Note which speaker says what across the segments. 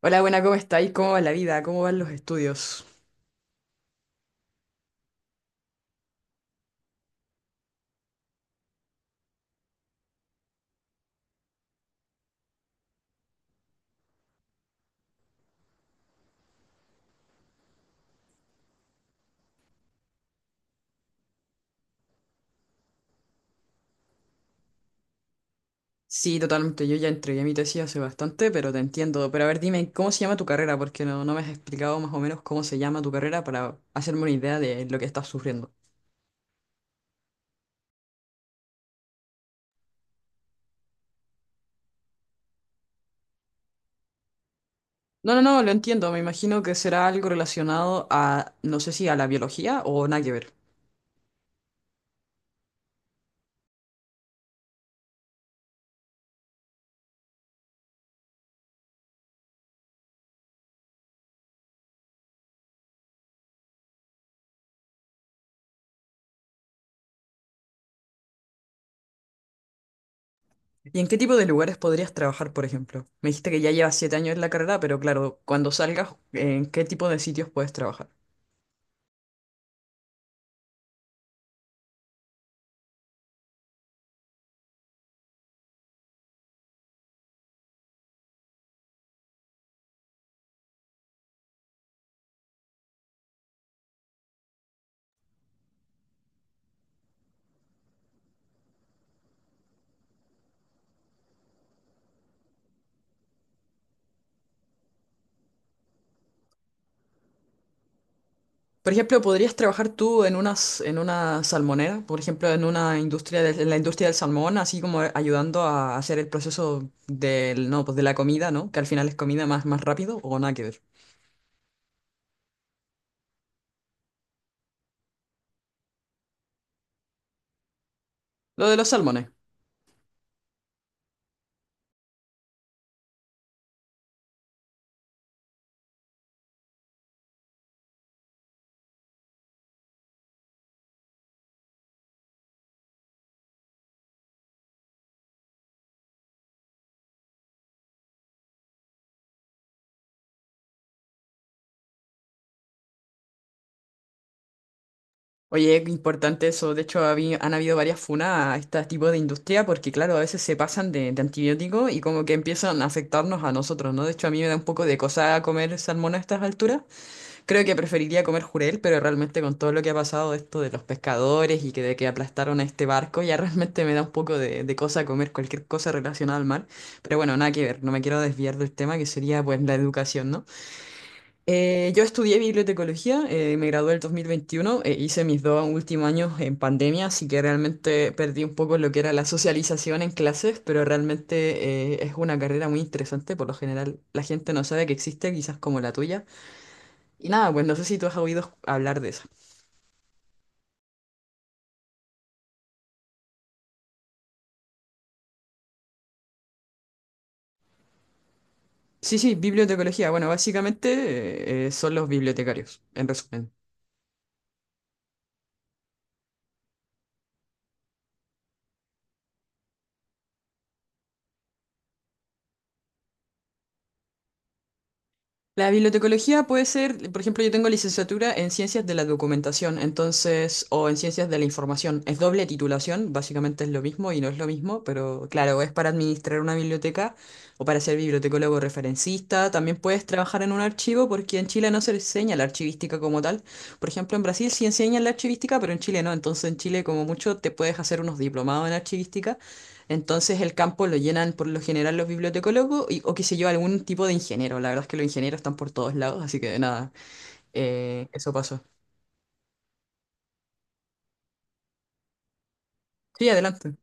Speaker 1: Hola, buena, ¿cómo estáis? ¿Cómo va la vida? ¿Cómo van los estudios? Sí, totalmente. Yo ya entregué mi tesis hace bastante, pero te entiendo. Pero a ver, dime, ¿cómo se llama tu carrera? Porque no me has explicado más o menos cómo se llama tu carrera para hacerme una idea de lo que estás sufriendo. No, no, no, lo entiendo. Me imagino que será algo relacionado a, no sé si a la biología o nada que ver. ¿Y en qué tipo de lugares podrías trabajar, por ejemplo? Me dijiste que ya llevas 7 años en la carrera, pero claro, cuando salgas, ¿en qué tipo de sitios puedes trabajar? Por ejemplo, ¿podrías trabajar tú en una salmonera? Por ejemplo, en la industria del salmón, así como ayudando a hacer el proceso del, no, pues de la comida, ¿no? Que al final es comida más rápido o nada que ver. Lo de los salmones. Oye, qué importante eso. De hecho, han habido varias funas a este tipo de industria porque, claro, a veces se pasan de antibióticos y como que empiezan a afectarnos a nosotros, ¿no? De hecho, a mí me da un poco de cosa comer salmón a estas alturas. Creo que preferiría comer jurel, pero realmente con todo lo que ha pasado esto de los pescadores y que de que aplastaron a este barco, ya realmente me da un poco de cosa comer cualquier cosa relacionada al mar. Pero bueno, nada que ver, no me quiero desviar del tema que sería pues la educación, ¿no? Yo estudié bibliotecología, me gradué el 2021, hice mis dos últimos años en pandemia, así que realmente perdí un poco lo que era la socialización en clases, pero realmente es una carrera muy interesante. Por lo general, la gente no sabe que existe, quizás como la tuya. Y nada, pues no sé si tú has oído hablar de eso. Sí, sí, bibliotecología. Bueno, básicamente son los bibliotecarios, en resumen. La bibliotecología puede ser, por ejemplo, yo tengo licenciatura en ciencias de la documentación, entonces, o en ciencias de la información. Es doble titulación, básicamente es lo mismo y no es lo mismo, pero claro, es para administrar una biblioteca o para ser bibliotecólogo referencista. También puedes trabajar en un archivo porque en Chile no se enseña la archivística como tal. Por ejemplo, en Brasil sí enseñan la archivística, pero en Chile no. Entonces, en Chile, como mucho, te puedes hacer unos diplomados en archivística. Entonces, el campo lo llenan por lo general los bibliotecólogos y- o qué sé yo, algún tipo de ingeniero. La verdad es que los ingenieros están por todos lados, así que nada, eso pasó. Sí, adelante.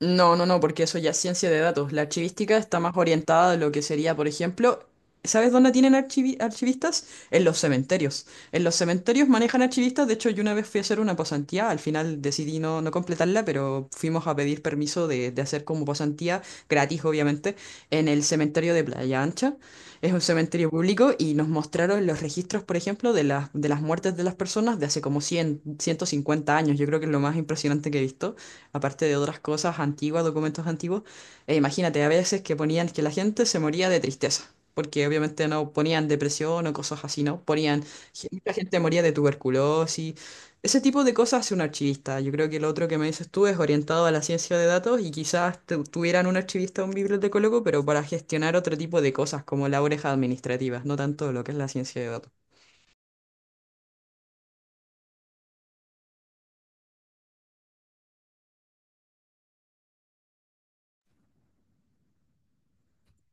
Speaker 1: No, no, no, porque eso ya es ciencia de datos. La archivística está más orientada a lo que sería, por ejemplo, ¿sabes dónde tienen archivistas? En los cementerios. En los cementerios manejan archivistas. De hecho, yo una vez fui a hacer una pasantía, al final decidí no completarla, pero fuimos a pedir permiso de hacer como pasantía, gratis obviamente, en el cementerio de Playa Ancha. Es un cementerio público y nos mostraron los registros, por ejemplo, de las muertes de las personas de hace como 100, 150 años. Yo creo que es lo más impresionante que he visto aparte de otras cosas antiguas, documentos antiguos. E imagínate, a veces que ponían que la gente se moría de tristeza, porque obviamente no ponían depresión o cosas así, ¿no? Ponían, mucha gente moría de tuberculosis. Ese tipo de cosas hace un archivista. Yo creo que lo otro que me dices tú es orientado a la ciencia de datos y quizás tuvieran un archivista o un bibliotecólogo, pero para gestionar otro tipo de cosas como labores administrativas, no tanto lo que es la ciencia de datos.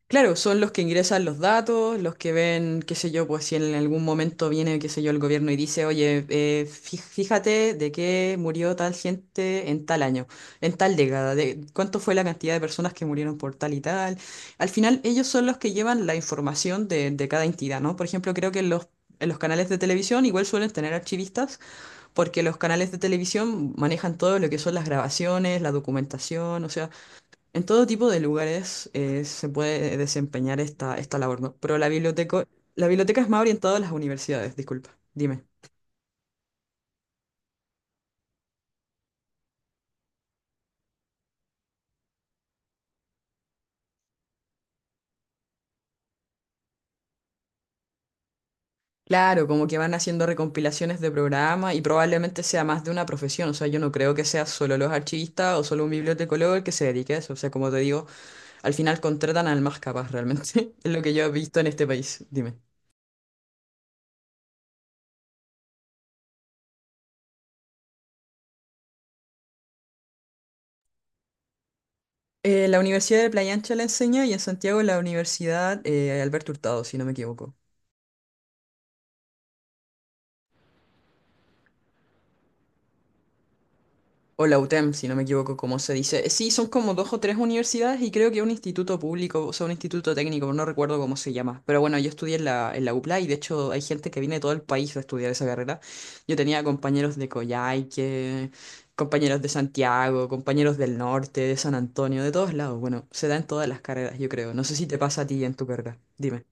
Speaker 1: Claro, son los que ingresan los datos, los que ven, qué sé yo, pues si en algún momento viene, qué sé yo, el gobierno y dice, oye, fíjate de qué murió tal gente en tal año, en tal década, de cuánto fue la cantidad de personas que murieron por tal y tal. Al final, ellos son los que llevan la información de cada entidad, ¿no? Por ejemplo, creo que los, en los canales de televisión igual suelen tener archivistas, porque los canales de televisión manejan todo lo que son las grabaciones, la documentación, o sea... En todo tipo de lugares se puede desempeñar esta labor, ¿no? Pero la biblioteca es más orientada a las universidades, disculpa, dime. Claro, como que van haciendo recompilaciones de programa y probablemente sea más de una profesión, o sea, yo no creo que sea solo los archivistas o solo un bibliotecólogo el que se dedique a eso, o sea, como te digo, al final contratan al más capaz realmente, es lo que yo he visto en este país, dime. La Universidad de Playa Ancha la enseña y en Santiago la Universidad Alberto Hurtado, si no me equivoco. O la UTEM, si no me equivoco, como se dice. Sí, son como dos o tres universidades y creo que un instituto público, o sea, un instituto técnico, no recuerdo cómo se llama. Pero bueno, yo estudié en la UPLA y de hecho hay gente que viene de todo el país a estudiar esa carrera. Yo tenía compañeros de Coyhaique, compañeros de Santiago, compañeros del norte, de San Antonio, de todos lados. Bueno, se da en todas las carreras, yo creo. No sé si te pasa a ti en tu carrera. Dime.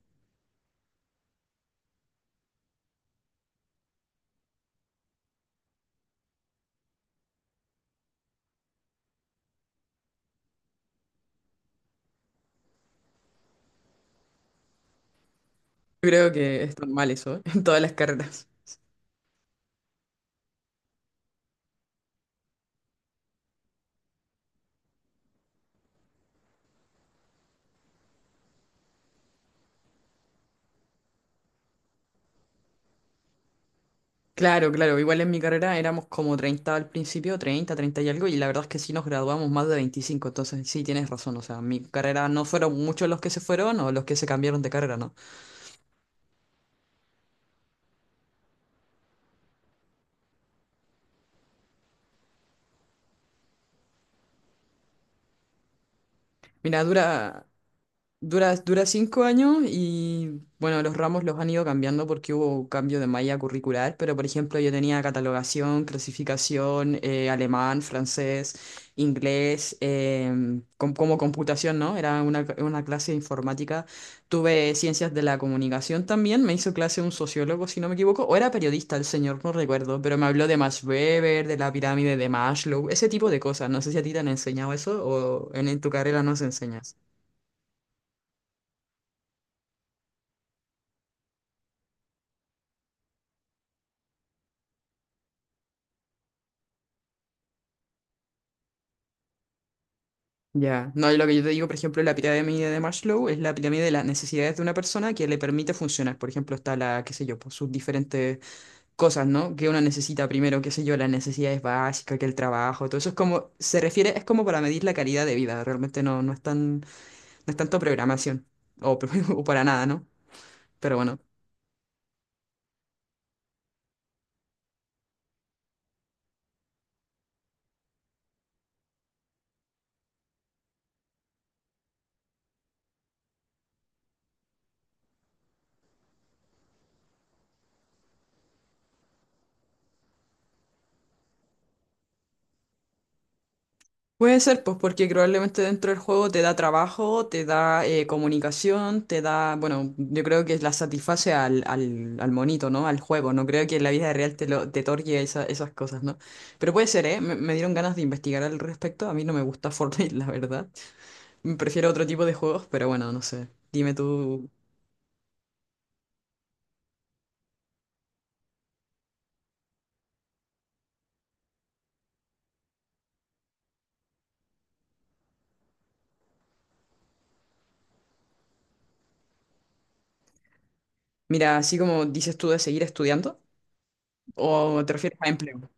Speaker 1: Yo creo que es normal eso, ¿eh? En todas las carreras. Claro, claro. Igual en mi carrera éramos como 30 al principio, 30, 30 y algo, y la verdad es que sí nos graduamos más de 25. Entonces, sí tienes razón. O sea, en mi carrera no fueron muchos los que se fueron o los que se cambiaron de carrera, ¿no? Mira, dura, dura 5 años y bueno, los ramos los han ido cambiando porque hubo cambio de malla curricular, pero por ejemplo yo tenía catalogación, clasificación, alemán, francés, inglés, como computación, ¿no? Era una clase de informática. Tuve ciencias de la comunicación también, me hizo clase un sociólogo, si no me equivoco, o era periodista el señor, no recuerdo, pero me habló de Max Weber, de la pirámide de Maslow, ese tipo de cosas. No sé si a ti te han enseñado eso o en tu carrera nos enseñas. Ya, no, y lo que yo te digo, por ejemplo, la pirámide de Maslow es la pirámide de las necesidades de una persona que le permite funcionar. Por ejemplo, está la, qué sé yo, pues sus diferentes cosas, ¿no? Que uno necesita primero, qué sé yo, las necesidades básicas, que el trabajo, todo eso es como, se refiere, es como para medir la calidad de vida, realmente no es tan, no es tanto programación, o, o para nada, ¿no? Pero bueno. Puede ser, pues porque probablemente dentro del juego te da trabajo, te da comunicación, te da, bueno, yo creo que la satisface al monito, ¿no? Al juego, no creo que en la vida real te otorgue esas cosas, ¿no? Pero puede ser, ¿eh? Me dieron ganas de investigar al respecto, a mí no me gusta Fortnite, la verdad. Prefiero otro tipo de juegos, pero bueno, no sé. Dime tú, mira, así como dices tú de seguir estudiando, ¿o te refieres a empleo?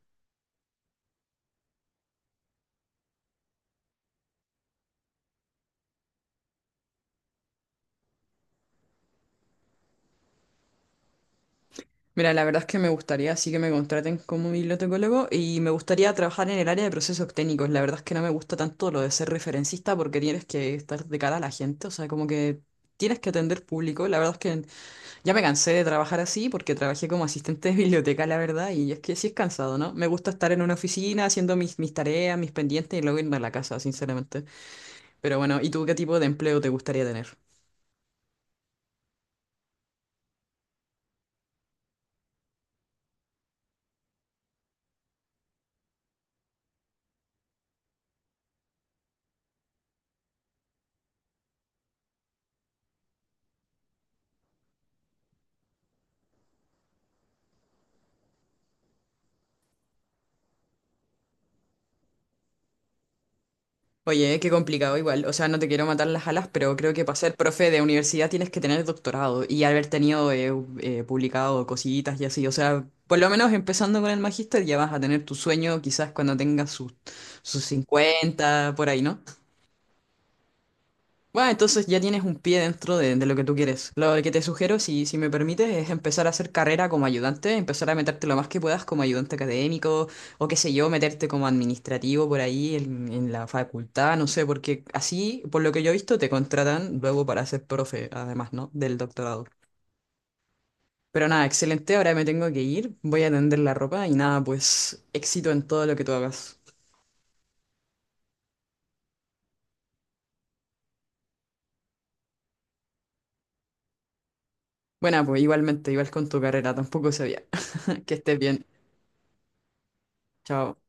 Speaker 1: Mira, la verdad es que me gustaría, sí que me contraten como bibliotecólogo y me gustaría trabajar en el área de procesos técnicos. La verdad es que no me gusta tanto lo de ser referencista porque tienes que estar de cara a la gente, o sea, como que tienes que atender público. La verdad es que ya me cansé de trabajar así porque trabajé como asistente de biblioteca, la verdad, y es que sí es cansado, ¿no? Me gusta estar en una oficina haciendo mis tareas, mis pendientes y luego irme a la casa, sinceramente. Pero bueno, ¿y tú qué tipo de empleo te gustaría tener? Oye, qué complicado igual. O sea, no te quiero matar las alas, pero creo que para ser profe de universidad tienes que tener doctorado y haber tenido publicado cositas y así. O sea, por lo menos empezando con el magíster ya vas a tener tu sueño quizás cuando tengas sus 50 por ahí, ¿no? Bueno, entonces ya tienes un pie dentro de lo que tú quieres. Lo que te sugiero, si me permites, es empezar a hacer carrera como ayudante, empezar a meterte lo más que puedas como ayudante académico o qué sé yo, meterte como administrativo por ahí en la facultad, no sé, porque así, por lo que yo he visto, te contratan luego para ser profe, además, ¿no? Del doctorado. Pero nada, excelente, ahora me tengo que ir, voy a tender la ropa y nada, pues éxito en todo lo que tú hagas. Bueno, pues igualmente, igual con tu carrera, tampoco sabía. Que estés bien. Chao.